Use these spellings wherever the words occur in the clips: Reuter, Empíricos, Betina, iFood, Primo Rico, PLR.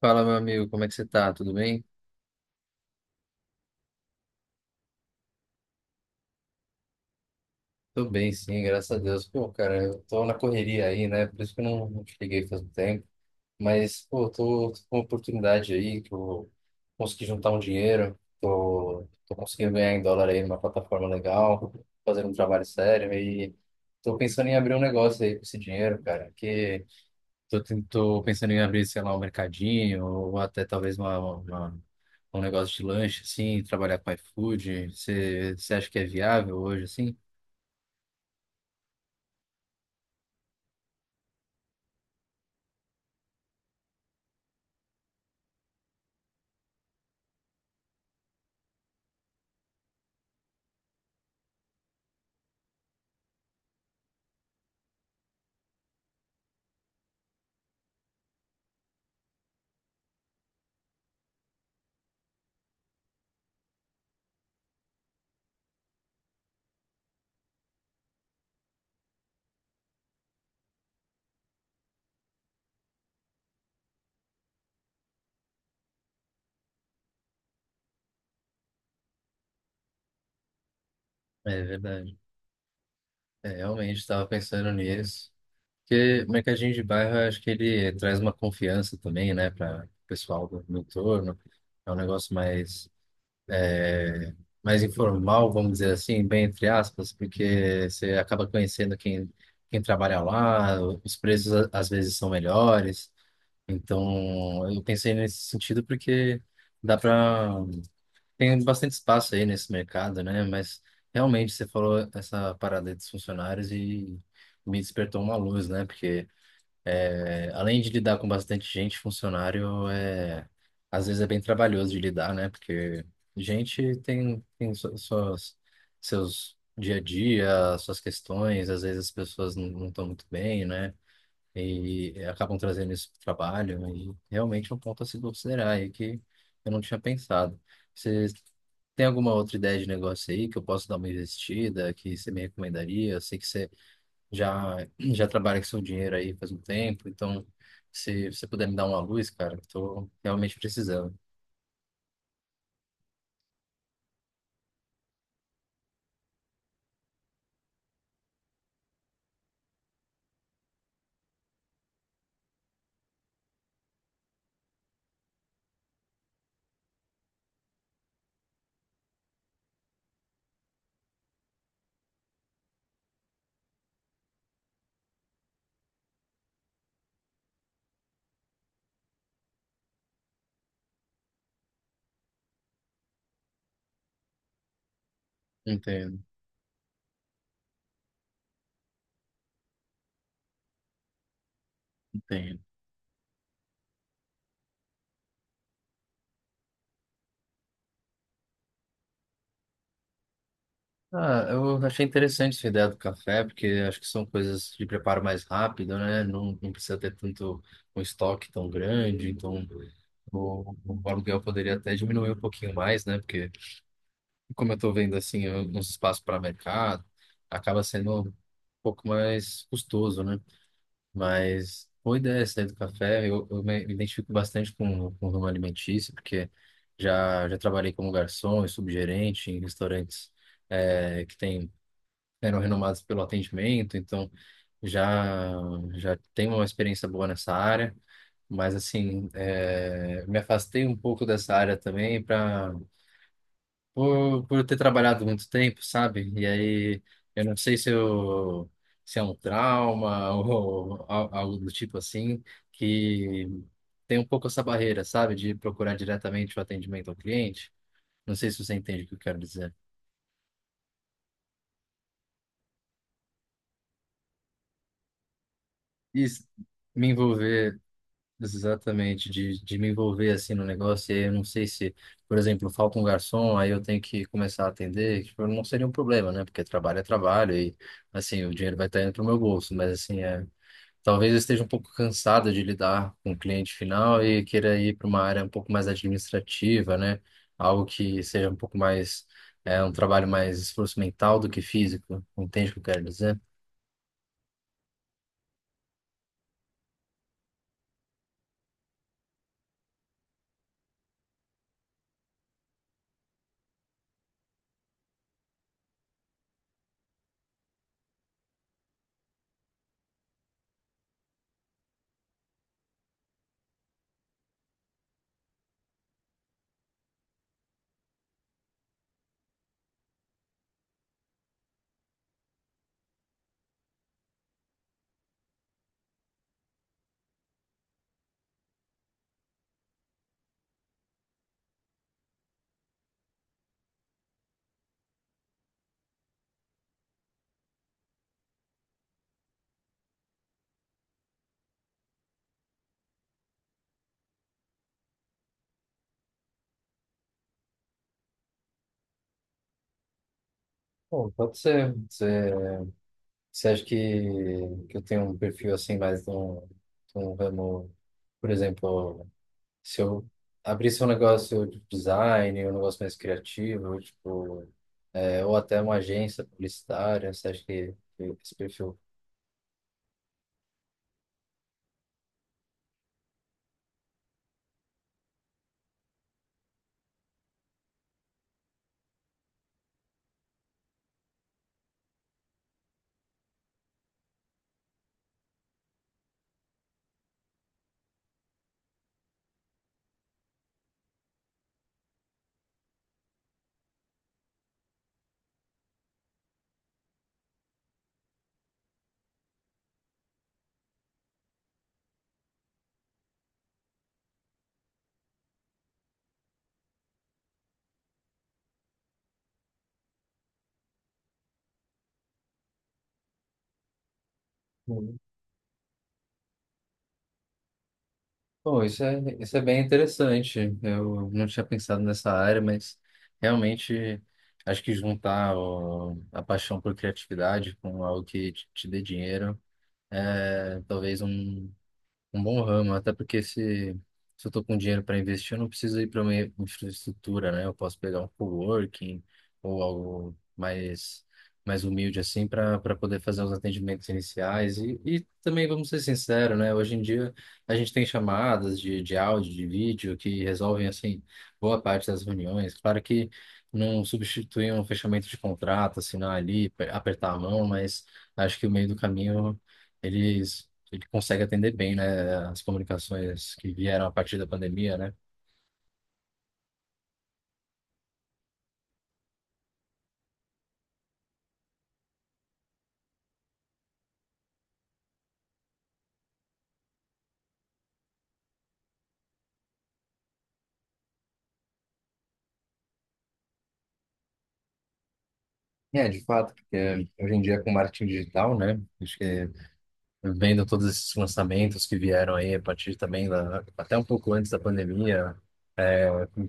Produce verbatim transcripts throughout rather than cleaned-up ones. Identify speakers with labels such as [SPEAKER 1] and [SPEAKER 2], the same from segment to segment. [SPEAKER 1] Fala, meu amigo, como é que você tá? Tudo bem? Tô bem, sim, graças a Deus. Pô, cara, eu tô na correria aí, né? Por isso que eu não, não te liguei faz um tempo. Mas, pô, tô, tô com uma oportunidade aí que eu consegui juntar um dinheiro. Tô, tô conseguindo ganhar em dólar aí numa plataforma legal, fazendo um trabalho sério. E tô pensando em abrir um negócio aí com esse dinheiro, cara. Que Tô, ten- tô pensando em abrir, sei lá, um mercadinho ou até talvez uma, uma- um negócio de lanche, assim, trabalhar com iFood. Você você acha que é viável hoje, assim? É verdade. É, realmente estava pensando nisso. Porque mercadinho de bairro, eu acho que ele traz uma confiança também, né, para o pessoal do, do entorno. É um negócio mais, é, mais informal, vamos dizer assim, bem entre aspas, porque você acaba conhecendo quem, quem trabalha lá, os preços a- às vezes são melhores. Então, eu pensei nesse sentido porque dá para tem bastante espaço aí nesse mercado, né? Mas realmente você falou essa parada aí dos funcionários e me despertou uma luz, né? Porque é, além de lidar com bastante gente, funcionário é às vezes é bem trabalhoso de lidar, né? Porque gente tem tem su- suas seus dia a dia, suas questões, às vezes as pessoas não estão muito bem, né? E acabam trazendo isso para o trabalho, né, e realmente é um ponto a se considerar e que eu não tinha pensado. Você tem alguma outra ideia de negócio aí que eu posso dar uma investida, que você me recomendaria? Eu sei que você já, já trabalha com seu dinheiro aí faz um tempo, então se você puder me dar uma luz, cara, estou realmente precisando. Entendo, entendo. Ah, eu achei interessante essa ideia do café, porque acho que são coisas de preparo mais rápido, né? Não, não precisa ter tanto um estoque tão grande, então O, o aluguel poderia até diminuir um pouquinho mais, né? Porque, como eu estou vendo assim, uns espaços para mercado, acaba sendo um pouco mais custoso, né? Mas boa ideia essa aí do café. Eu, eu me identifico bastante com, com o ramo alimentício, porque já, já trabalhei como garçom e subgerente em restaurantes eh, que tem eram renomados pelo atendimento, então já já tenho uma experiência boa nessa área, mas assim, é, me afastei um pouco dessa área também para por, por eu ter trabalhado muito tempo, sabe? E aí eu não sei se eu se é um trauma ou al- algo do tipo assim, que tem um pouco essa barreira, sabe, de procurar diretamente o atendimento ao cliente. Não sei se você entende o que eu quero dizer. Isso, me envolver. Exatamente, de, de me envolver assim no negócio, e aí eu não sei se, por exemplo, falta um garçom, aí eu tenho que começar a atender, tipo, não seria um problema, né? Porque trabalho é trabalho e, assim, o dinheiro vai estar indo pro meu bolso, mas, assim, é, talvez eu esteja um pouco cansado de lidar com o cliente final e queira ir para uma área um pouco mais administrativa, né? Algo que seja um pouco mais, é, um trabalho mais esforço mental do que físico, entende o que eu quero dizer? Bom, pode ser. Você você acha que, que eu tenho um perfil assim mais de um, de um ramo, por exemplo, se eu abrisse um negócio de design, um negócio mais criativo, tipo, é, ou até uma agência publicitária, você acha que que esse perfil? Hum. Bom, isso é, isso é bem interessante. Eu não tinha pensado nessa área, mas realmente acho que juntar o- a paixão por criatividade com algo que te te dê dinheiro é talvez um um bom ramo, até porque se, se eu tô com dinheiro para investir, eu não preciso ir para uma infraestrutura, né? Eu posso pegar um coworking ou algo mais, mais humilde assim para para poder fazer os atendimentos iniciais. E, e também, vamos ser sinceros, né? Hoje em dia a gente tem chamadas de, de áudio, de vídeo que resolvem assim boa parte das reuniões. Claro que não substitui um fechamento de contrato, assinar ali, apertar a mão, mas acho que o meio do caminho eles ele consegue atender bem, né, as comunicações que vieram a partir da pandemia, né? É, de fato, porque hoje em dia com marketing digital, né? Acho que vendo todos esses lançamentos que vieram aí a partir também da, até um pouco antes da pandemia,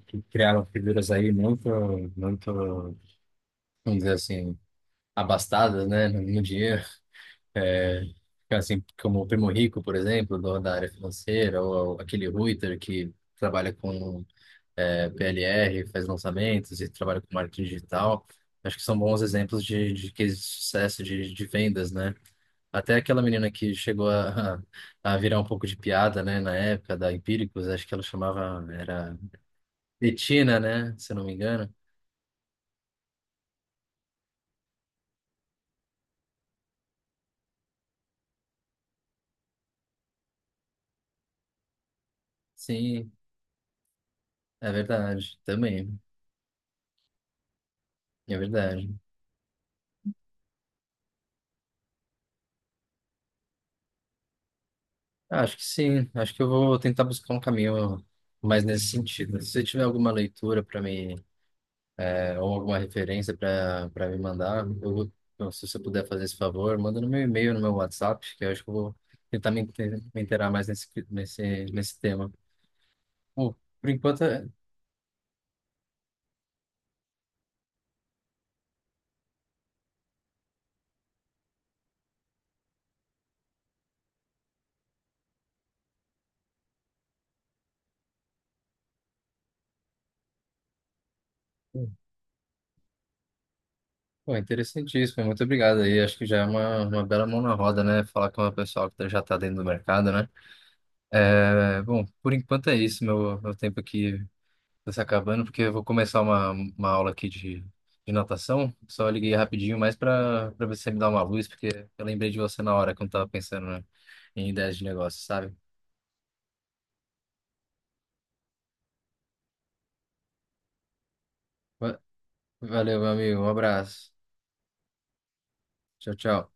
[SPEAKER 1] que criaram figuras aí muito, muito, vamos dizer assim, abastadas, né, no no dinheiro, assim como o Primo Rico, por exemplo, do, da área financeira, ou aquele Reuter que trabalha com é, P L R, faz lançamentos e trabalha com marketing digital. Acho que são bons exemplos de, de cases de sucesso de, de vendas, né? Até aquela menina que chegou a, a virar um pouco de piada, né, na época da Empíricos, acho que ela chamava, era Betina, né, se eu não me engano. Sim, é verdade, também, é verdade. Ah, acho que sim, acho que eu vou tentar buscar um caminho mais nesse sentido. Se você tiver alguma leitura para me é, ou alguma referência para para me mandar, eu vou, então, se você puder fazer esse favor, manda no meu e-mail, no meu WhatsApp, que eu acho que eu vou tentar me, inte- me inteirar mais nesse, nesse, nesse tema. Bom, por enquanto, é hum, pô, é interessantíssimo, muito obrigado aí, acho que já é uma, uma bela mão na roda, né, falar com uma pessoa que já está dentro do mercado, né? É, bom, por enquanto é isso, meu, meu tempo aqui tá se acabando, porque eu vou começar uma, uma aula aqui de, de natação. Só liguei rapidinho, mais para para ver se você me dá uma luz, porque eu lembrei de você na hora que eu tava pensando, né, em ideias de negócio, sabe? Va- Valeu, meu amigo. Um abraço. Tchau, tchau.